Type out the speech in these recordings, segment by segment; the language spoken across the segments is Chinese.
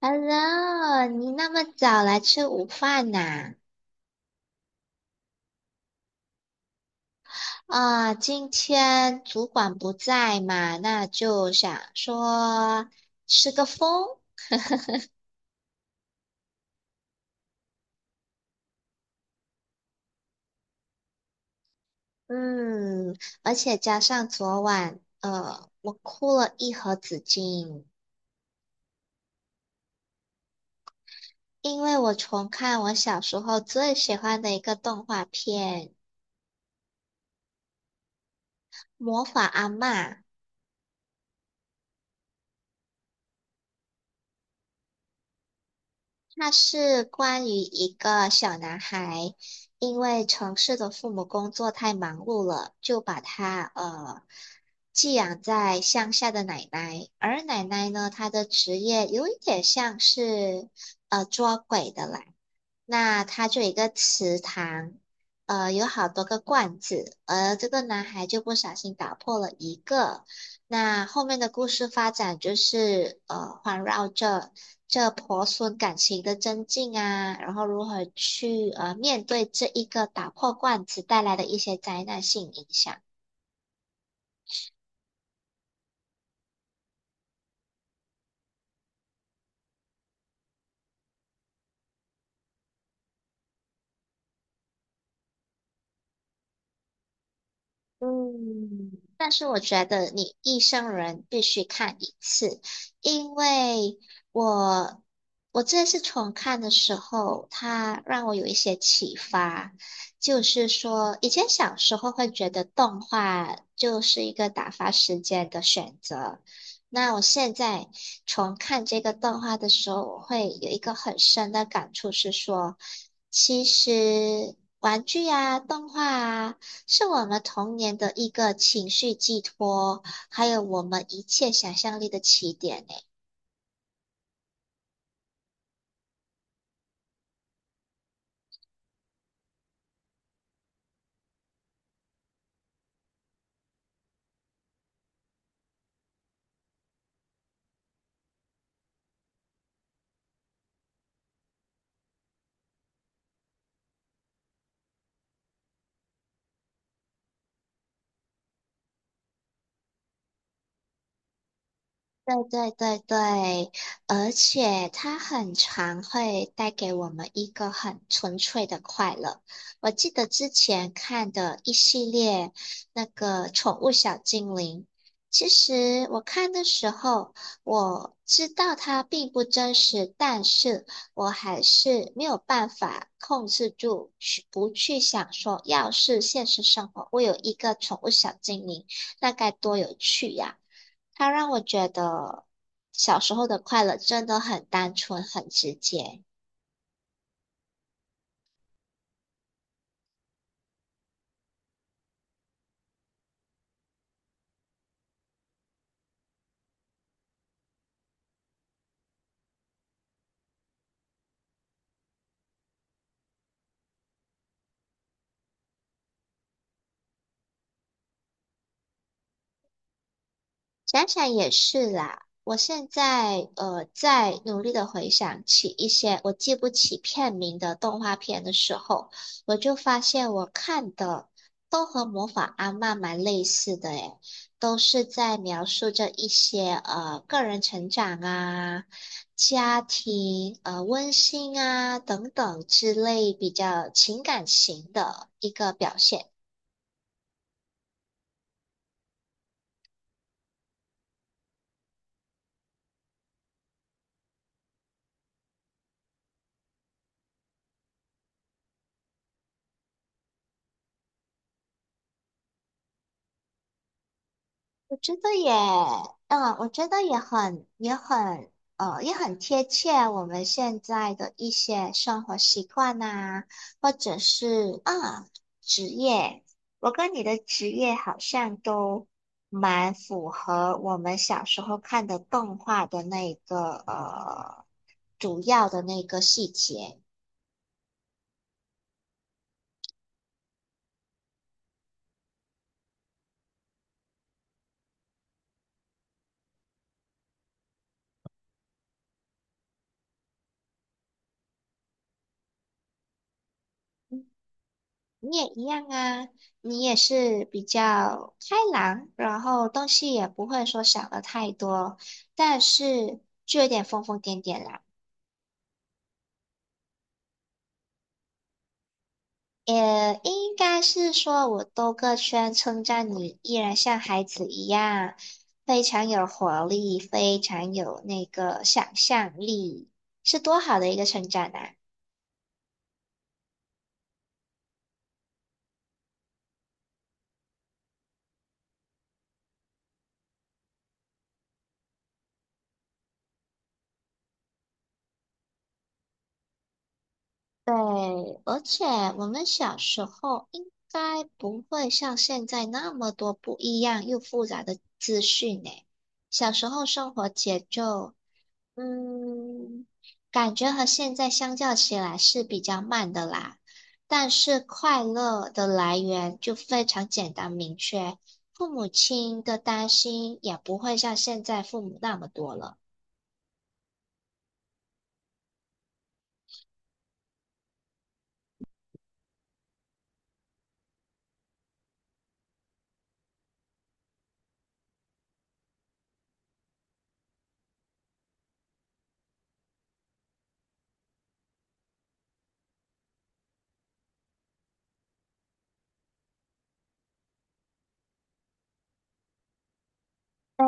Hello，你那么早来吃午饭呐？啊，今天主管不在嘛，那就想说吃个风。嗯，而且加上昨晚，我哭了一盒纸巾，因为我重看我小时候最喜欢的一个动画片《魔法阿嬷》。那是关于一个小男孩，因为城市的父母工作太忙碌了，就把他寄养在乡下的奶奶。而奶奶呢，她的职业有一点像是捉鬼的啦。那它就有一个池塘，呃，有好多个罐子，而这个男孩就不小心打破了一个，那后面的故事发展就是环绕着这婆孙感情的增进啊，然后如何去面对这一个打破罐子带来的一些灾难性影响。嗯，但是我觉得你一生人必须看一次，因为我我这次重看的时候，它让我有一些启发，就是说以前小时候会觉得动画就是一个打发时间的选择，那我现在重看这个动画的时候，我会有一个很深的感触是说，其实玩具啊、动画啊。是我们童年的一个情绪寄托，还有我们一切想象力的起点呢。对对对对，而且它很常会带给我们一个很纯粹的快乐。我记得之前看的一系列那个宠物小精灵，其实我看的时候我知道它并不真实，但是我还是没有办法控制住去不去想说，要是现实生活我有一个宠物小精灵，那该多有趣呀！它让我觉得小时候的快乐真的很单纯、很直接。想想也是啦，我现在在努力的回想起一些我记不起片名的动画片的时候，我就发现我看的都和《魔法阿嬷》蛮类似的诶，都是在描述着一些个人成长啊、家庭温馨啊等等之类比较情感型的一个表现。我觉得也，嗯，我觉得也很贴切我们现在的一些生活习惯呐、或者是啊，职业。我跟你的职业好像都蛮符合我们小时候看的动画的那个主要的那个细节。你也一样啊，你也是比较开朗，然后东西也不会说想的太多，但是就有点疯疯癫癫啦。也应该是说我兜个圈称赞你，依然像孩子一样，非常有活力，非常有那个想象力，是多好的一个成长啊！对，而且我们小时候应该不会像现在那么多不一样又复杂的资讯呢。小时候生活节奏，嗯，感觉和现在相较起来是比较慢的啦。但是快乐的来源就非常简单明确，父母亲的担心也不会像现在父母那么多了。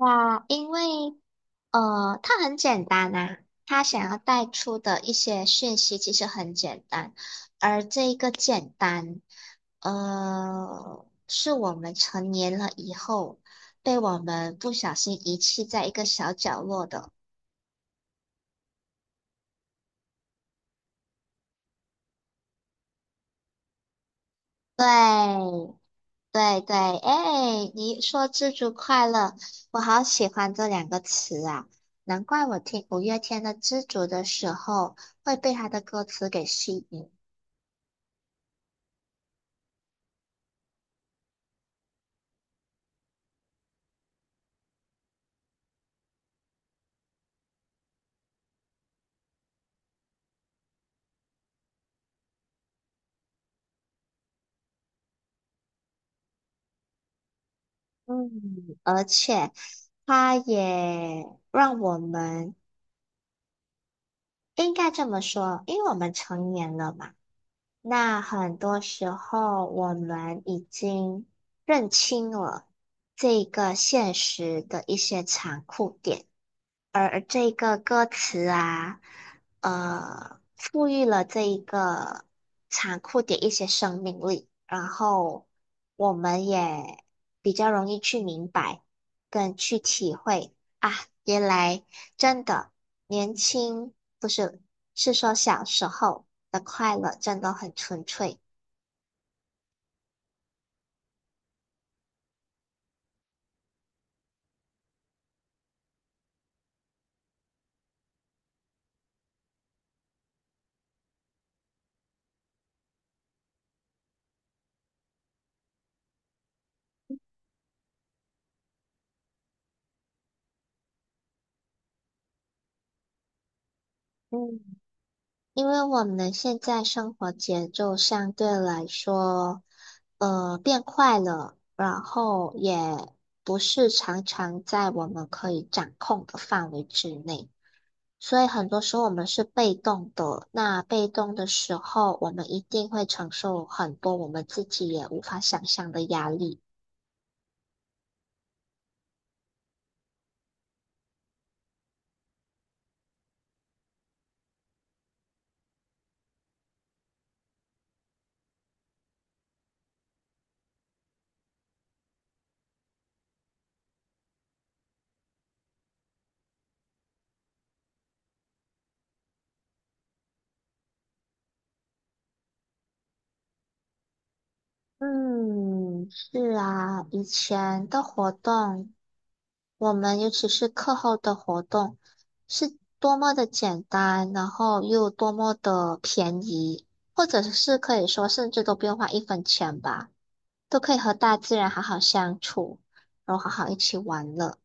哇，因为它很简单啊，他想要带出的一些讯息其实很简单，而这一个简单，是我们成年了以后被我们不小心遗弃在一个小角落的。对，对对，哎，你说"知足快乐"，我好喜欢这两个词啊，难怪我听五月天的《知足》的时候会被他的歌词给吸引。嗯，而且它也让我们应该这么说，因为我们成年了嘛，那很多时候我们已经认清了这个现实的一些残酷点。而这个歌词啊，赋予了这一个残酷的一些生命力，然后我们也比较容易去明白跟去体会啊，原来真的年轻不是，是说小时候的快乐真的很纯粹。嗯，因为我们现在生活节奏相对来说，变快了，然后也不是常常在我们可以掌控的范围之内，所以很多时候我们是被动的。那被动的时候，我们一定会承受很多我们自己也无法想象的压力。嗯，是啊，以前的活动。我们尤其是课后的活动是多么的简单，然后又多么的便宜，或者是可以说甚至都不用花一分钱吧，都可以和大自然好好相处，然后好好一起玩乐。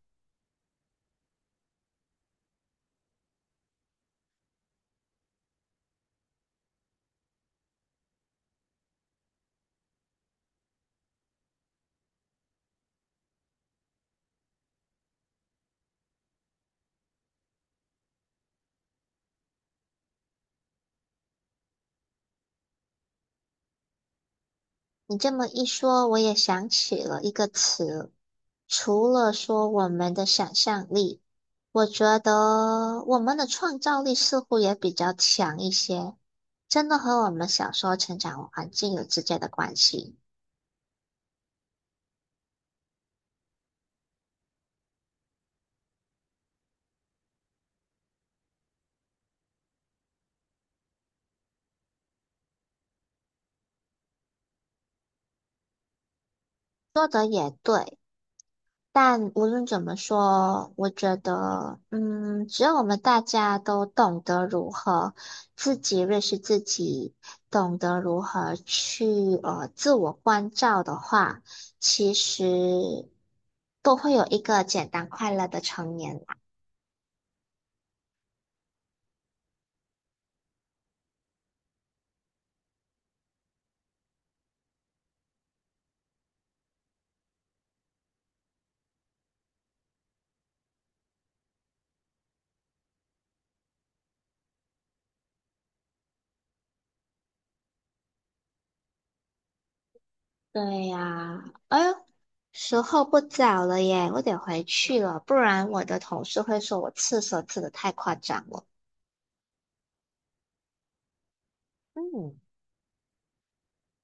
你这么一说，我也想起了一个词，除了说我们的想象力，我觉得我们的创造力似乎也比较强一些。真的和我们小时候成长环境有直接的关系。但无论怎么说，我觉得，嗯，只要我们大家都懂得如何自己认识自己，懂得如何去自我关照的话，其实都会有一个简单快乐的成年啦。对呀，哎呦，时候不早了耶，我得回去了，不然我的同事会说我刺蛇刺的太夸张了。嗯。